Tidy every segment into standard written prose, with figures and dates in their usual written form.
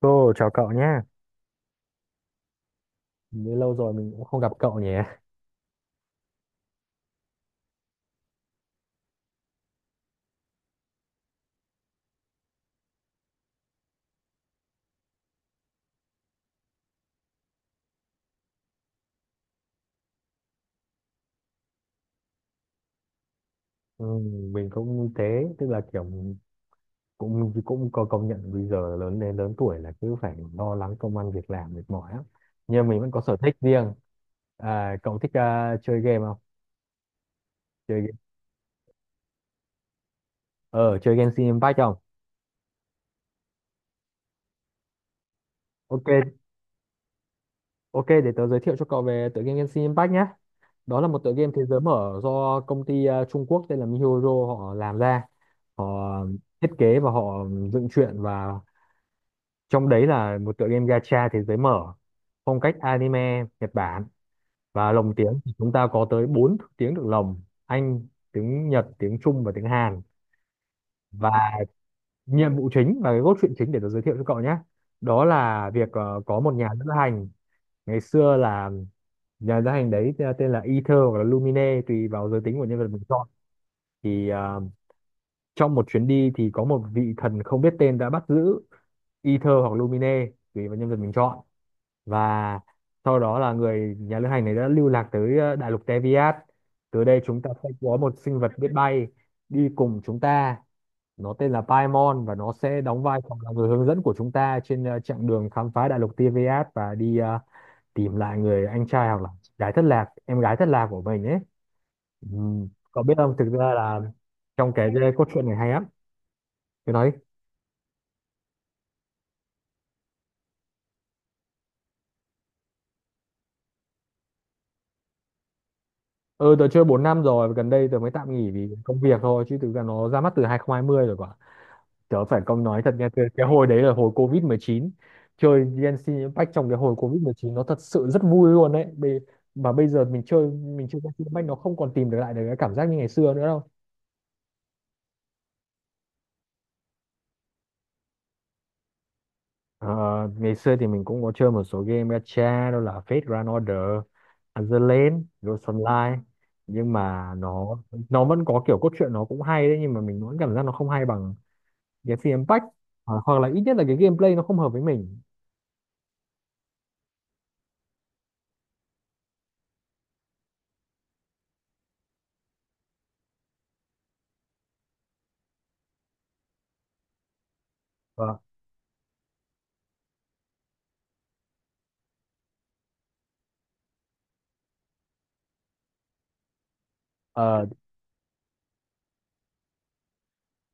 Cô, chào cậu nhé. Như lâu rồi mình cũng không gặp cậu nhỉ. Ừ, mình cũng như thế, tức là kiểu cũng cũng có công nhận bây giờ lớn đến lớn tuổi là cứ phải lo lắng công ăn việc làm mệt mỏi lắm. Nhưng mình vẫn có sở thích riêng. À, cậu thích chơi game không? Chơi game. Ờ, chơi Genshin Impact không? Ok, ok, để tớ giới thiệu cho cậu về tựa game Genshin Impact nhé. Đó là một tựa game thế giới mở do công ty Trung Quốc tên là MiHoYo họ làm ra. Họ thiết kế và họ dựng truyện và trong đấy là một tựa game gacha thế giới mở phong cách anime Nhật Bản, và lồng tiếng thì chúng ta có tới 4 tiếng được lồng: Anh, tiếng Nhật, tiếng Trung và tiếng Hàn. Và nhiệm vụ chính và cái cốt truyện chính để tôi giới thiệu cho cậu nhé, đó là việc có một nhà lữ hành ngày xưa là nhà lữ hành đấy, tên là Ether hoặc là Lumine tùy vào giới tính của nhân vật mình chọn. Thì trong một chuyến đi thì có một vị thần không biết tên đã bắt giữ Ether hoặc Lumine tùy vào nhân vật mình chọn. Và sau đó là người nhà lữ hành này đã lưu lạc tới đại lục Teviat. Từ đây chúng ta sẽ có một sinh vật biết bay đi cùng chúng ta, nó tên là Paimon và nó sẽ đóng vai trò là người hướng dẫn của chúng ta trên chặng đường khám phá đại lục Teviat và đi tìm lại người anh trai hoặc là chị gái thất lạc, em gái thất lạc của mình ấy. Ừ. Cậu biết không, thực ra là trong cái cốt truyện này hay lắm, tôi nói. Ừ, tớ chơi 4 năm rồi và gần đây tớ mới tạm nghỉ vì công việc thôi chứ thực ra nó ra mắt từ 2020 rồi cơ. Tớ phải công nói thật nha, cái hồi đấy là hồi covid mười chín. Chơi Genshin Impact trong cái hồi covid mười chín nó thật sự rất vui luôn đấy. Bê- mà bây giờ mình chơi, Genshin Impact nó không còn tìm được lại được cái cảm giác như ngày xưa nữa đâu. Ờ, ngày xưa thì mình cũng có chơi một số game gacha, đó là Fate Grand Order, Azur Ghost Online, nhưng mà nó vẫn có kiểu cốt truyện nó cũng hay đấy, nhưng mà mình vẫn cảm giác nó không hay bằng Genshin Impact. Hoặc hoặc là ít nhất là cái gameplay nó không hợp với mình. Vâng.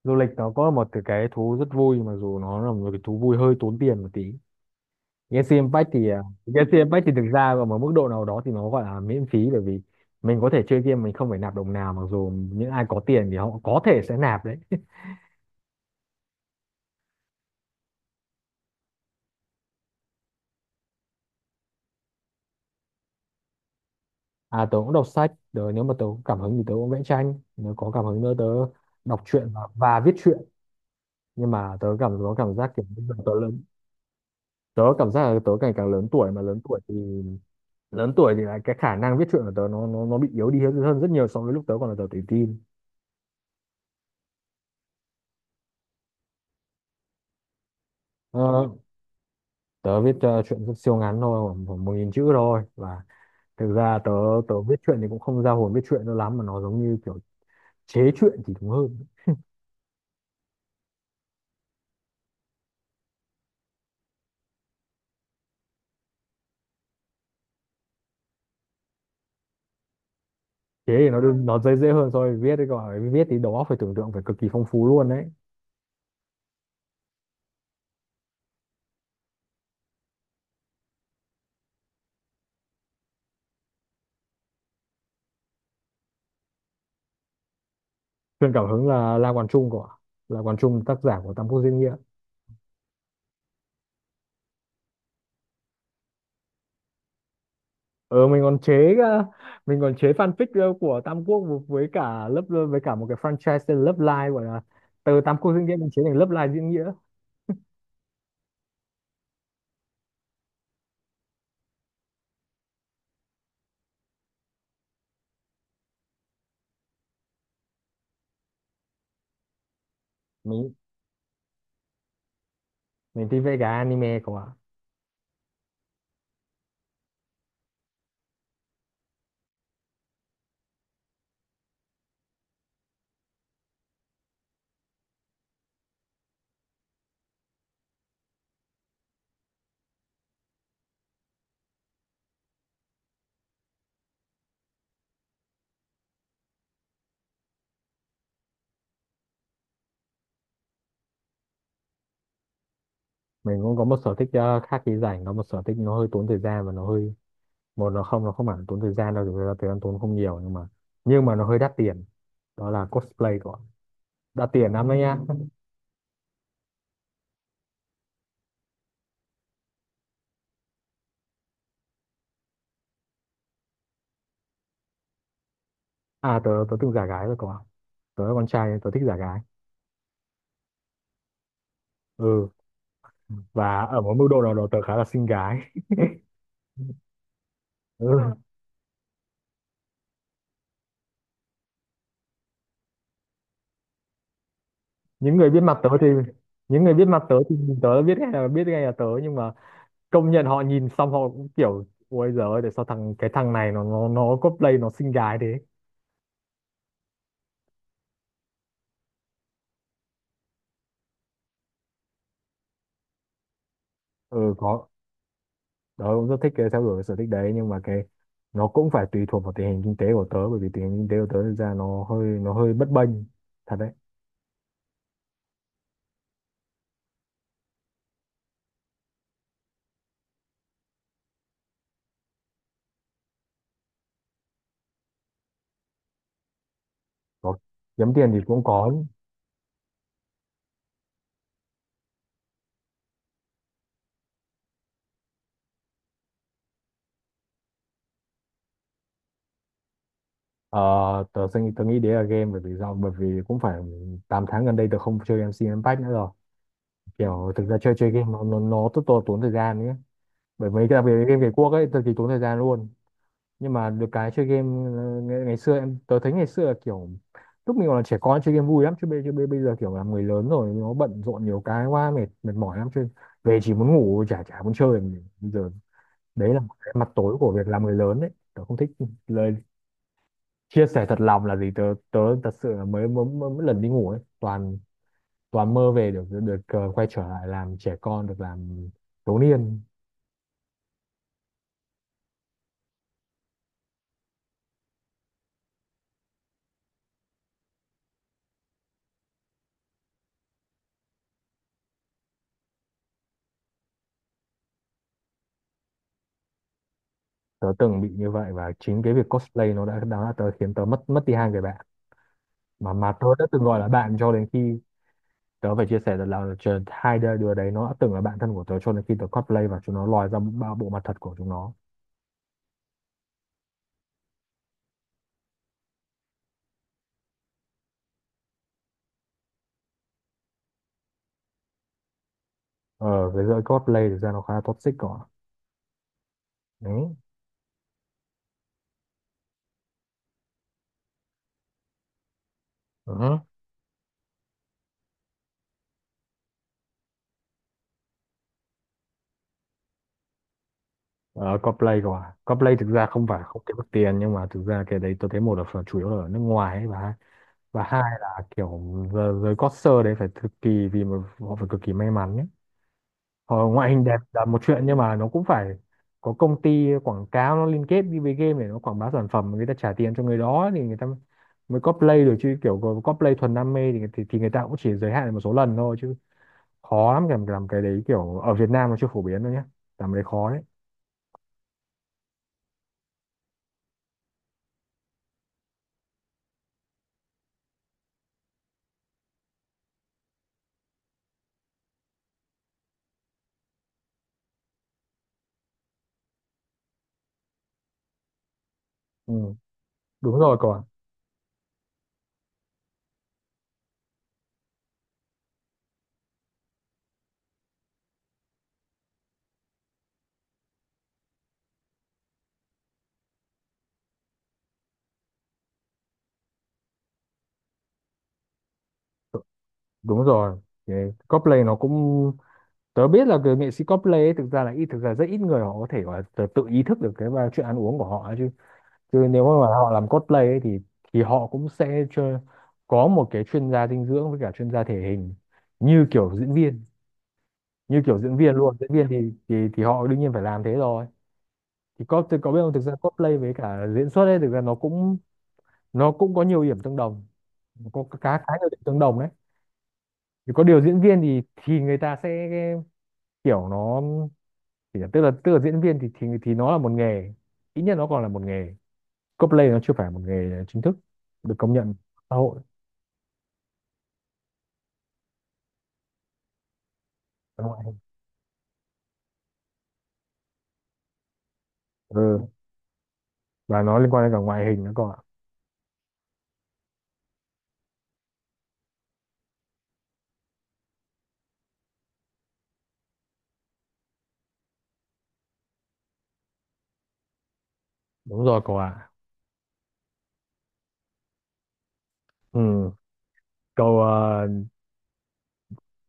Du lịch nó có một cái thú rất vui mặc dù nó là một cái thú vui hơi tốn tiền một tí. Galaxy Impact thì, Galaxy Impact thì thực ra ở một mức độ nào đó thì nó gọi là miễn phí, bởi vì mình có thể chơi game mình không phải nạp đồng nào, mặc dù những ai có tiền thì họ có thể sẽ nạp đấy. À, tớ cũng đọc sách, rồi nếu mà tớ có cảm hứng thì tớ cũng vẽ tranh, nếu có cảm hứng nữa tớ đọc truyện và viết truyện. Nhưng mà tớ có cảm giác kiểu bây giờ tớ lớn, tớ cảm giác là tớ ngày càng lớn tuổi mà lớn tuổi thì là cái khả năng viết truyện của tớ nó bị yếu đi hơn rất nhiều so với lúc tớ còn là tuổi teen. Ờ, tớ viết truyện rất siêu ngắn thôi, khoảng khoảng 1.000 chữ thôi. Và thực ra tớ tớ viết truyện thì cũng không ra hồn viết truyện đâu lắm mà nó giống như kiểu chế truyện thì đúng hơn. Chế thì nó nó dễ, dễ hơn so với viết đấy, còn là viết thì đầu óc phải tưởng tượng phải cực kỳ phong phú luôn đấy. Truyền cảm hứng là La Quán Trung, tác giả của Tam Quốc Diễn Nghĩa. ờ mình còn chế ờ, mình còn chế fanfic của Tam Quốc, với cả lớp với cả một cái franchise tên Love Live, gọi là từ Tam Quốc diễn nghĩa mình chế thành Love Live diễn nghĩa. mình mình thích vẽ cái anime của ạ. Mình cũng có một sở thích khác khi rảnh, có một sở thích nó hơi tốn thời gian và nó hơi một nó không, nó không hẳn tốn thời gian đâu, thực ra thời gian tốn không nhiều, nhưng mà nó hơi đắt tiền. Đó là cosplay của, đắt tiền lắm đấy nhá. À, tớ tớ từng giả gái rồi của ạ. Tớ là con trai nên tớ thích giả gái. Ừ, và ở một mức độ nào đó tớ khá là xinh gái. Ừ, những người biết mặt tớ thì những người biết mặt tớ thì nhìn tớ là biết ngay, là biết ngay là tớ nhưng mà công nhận họ nhìn xong họ cũng kiểu ôi giời ơi tại sao thằng này nó cosplay nó xinh gái thế. Ừ có, tớ cũng rất thích cái theo đuổi cái sở thích đấy nhưng mà cái nó cũng phải tùy thuộc vào tình hình kinh tế của tớ, bởi vì tình hình kinh tế của tớ thực ra nó hơi bấp bênh thật đấy. Có, kiếm tiền thì cũng có. Ờ, tớ nghĩ đấy là game, bởi vì bởi vì cũng phải 8 tháng gần đây tớ không chơi em MC Impact nữa rồi. Kiểu thực ra chơi, chơi game nó nó rất to tốn thời gian nhé, bởi mấy cái đặc biệt là game về quốc ấy cực kỳ tốn thời gian luôn. Nhưng mà được cái chơi game ngày xưa tớ thấy ngày xưa là kiểu lúc mình còn là trẻ con chơi game vui lắm, chứ bây giờ kiểu là người lớn rồi nó bận rộn nhiều cái quá, mệt, mệt mỏi lắm, chơi về chỉ muốn ngủ, chả chả muốn chơi làm gì. Bây giờ đấy là một cái mặt tối của việc làm người lớn đấy, tớ không thích. Lời chia sẻ thật lòng là gì, tớ tớ thật sự là mới lần đi ngủ ấy toàn và mơ về được được được quay trở lại làm trẻ con, được làm thiếu niên. Tớ từng bị như vậy và chính cái việc cosplay nó đã khiến tớ mất mất đi 2 người bạn mà tớ đã từng gọi là bạn cho đến khi tớ phải chia sẻ rằng là hai đứa, đấy nó đã từng là bạn thân của tớ cho đến khi tớ cosplay và chúng nó lòi ra ba bộ mặt thật của chúng nó. Ờ, cái giới cosplay thực ra nó khá là toxic, còn đấy. Ừ. Ờ, Coldplay cơ à? Coldplay thực ra không phải không kiếm được tiền, nhưng mà thực ra cái đấy tôi thấy một là phần chủ yếu là ở nước ngoài ấy, và hai là kiểu giới concert đấy phải cực kỳ, vì mà họ phải cực kỳ may mắn ấy. Họ ngoại hình đẹp là một chuyện, nhưng mà nó cũng phải có công ty quảng cáo nó liên kết đi với game để nó quảng bá sản phẩm, người ta trả tiền cho người đó thì người ta mới cosplay được, chứ kiểu cosplay thuần đam mê thì, thì người ta cũng chỉ giới hạn một số lần thôi, chứ khó lắm làm, cái đấy kiểu ở Việt Nam nó chưa phổ biến đâu nhé, làm cái đấy khó đấy. Ừ. Đúng rồi, còn đúng rồi, cái cosplay nó cũng, tớ biết là cái nghệ sĩ cosplay ấy, thực ra là ít, thực ra rất ít người họ có thể gọi là tự tự ý thức được cái và chuyện ăn uống của họ ấy, chứ chứ nếu mà họ làm cosplay ấy, thì họ cũng sẽ chơi, có một cái chuyên gia dinh dưỡng với cả chuyên gia thể hình như kiểu diễn viên, như kiểu diễn viên luôn diễn viên thì họ đương nhiên phải làm thế rồi. Thì có biết không, thực ra cosplay với cả diễn xuất ấy, thực ra nó cũng, nó cũng có nhiều điểm tương đồng, có khá khá nhiều điểm tương đồng đấy. Thì có điều diễn viên thì người ta sẽ kiểu nó, thì là- tức là tức là diễn viên thì nó là một nghề, ít nhất nó còn là một nghề. Cosplay nó chưa phải một nghề chính thức được công nhận xã hội. Đúng rồi. Ừ. Và nó liên quan đến cả ngoại hình nữa cậu ạ. Đúng rồi cậu ạ. Ừ. Cậu,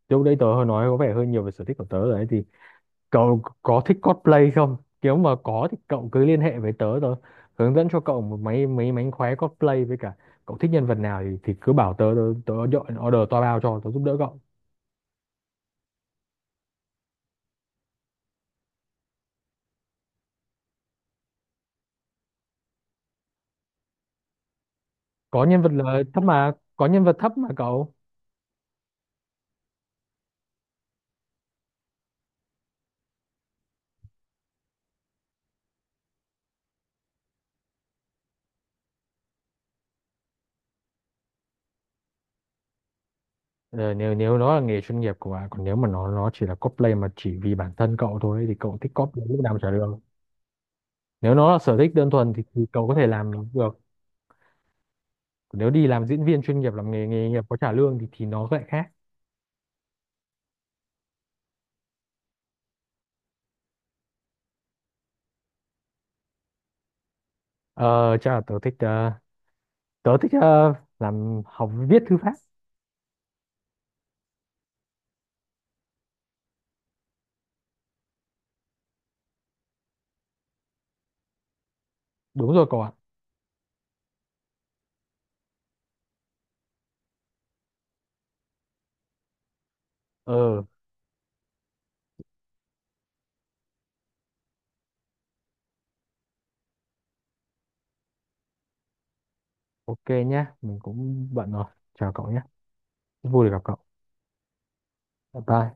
lúc đấy tớ hơi nói có vẻ hơi nhiều về sở thích của tớ rồi đấy. Thì cậu có thích cosplay không? Nếu mà có thì cậu cứ liên hệ với tớ tớ, hướng dẫn cho cậu một mấy, mấy mánh khóe cosplay với cả cậu thích nhân vật nào thì cứ bảo tớ tớ, tớ dọn order toa bao cho tớ giúp đỡ cậu. Có nhân vật là thấp mà, có nhân vật thấp mà cậu. Ờ, nếu nếu nó là nghề chuyên nghiệp của bạn, còn nếu mà nó chỉ là cosplay mà chỉ vì bản thân cậu thôi thì cậu thích cosplay lúc nào chả được. Nếu nó là sở thích đơn thuần thì cậu có thể làm được. Còn nếu đi làm diễn viên chuyên nghiệp làm nghề nghề nghiệp có trả lương thì nó lại khác. Ờ, chắc là tớ thích tớ thích ờ, làm học viết thư pháp. Đúng rồi cậu ạ. Ờ, ok nhá, mình cũng bận rồi. Chào cậu nhé, vui được gặp cậu. Bye bye.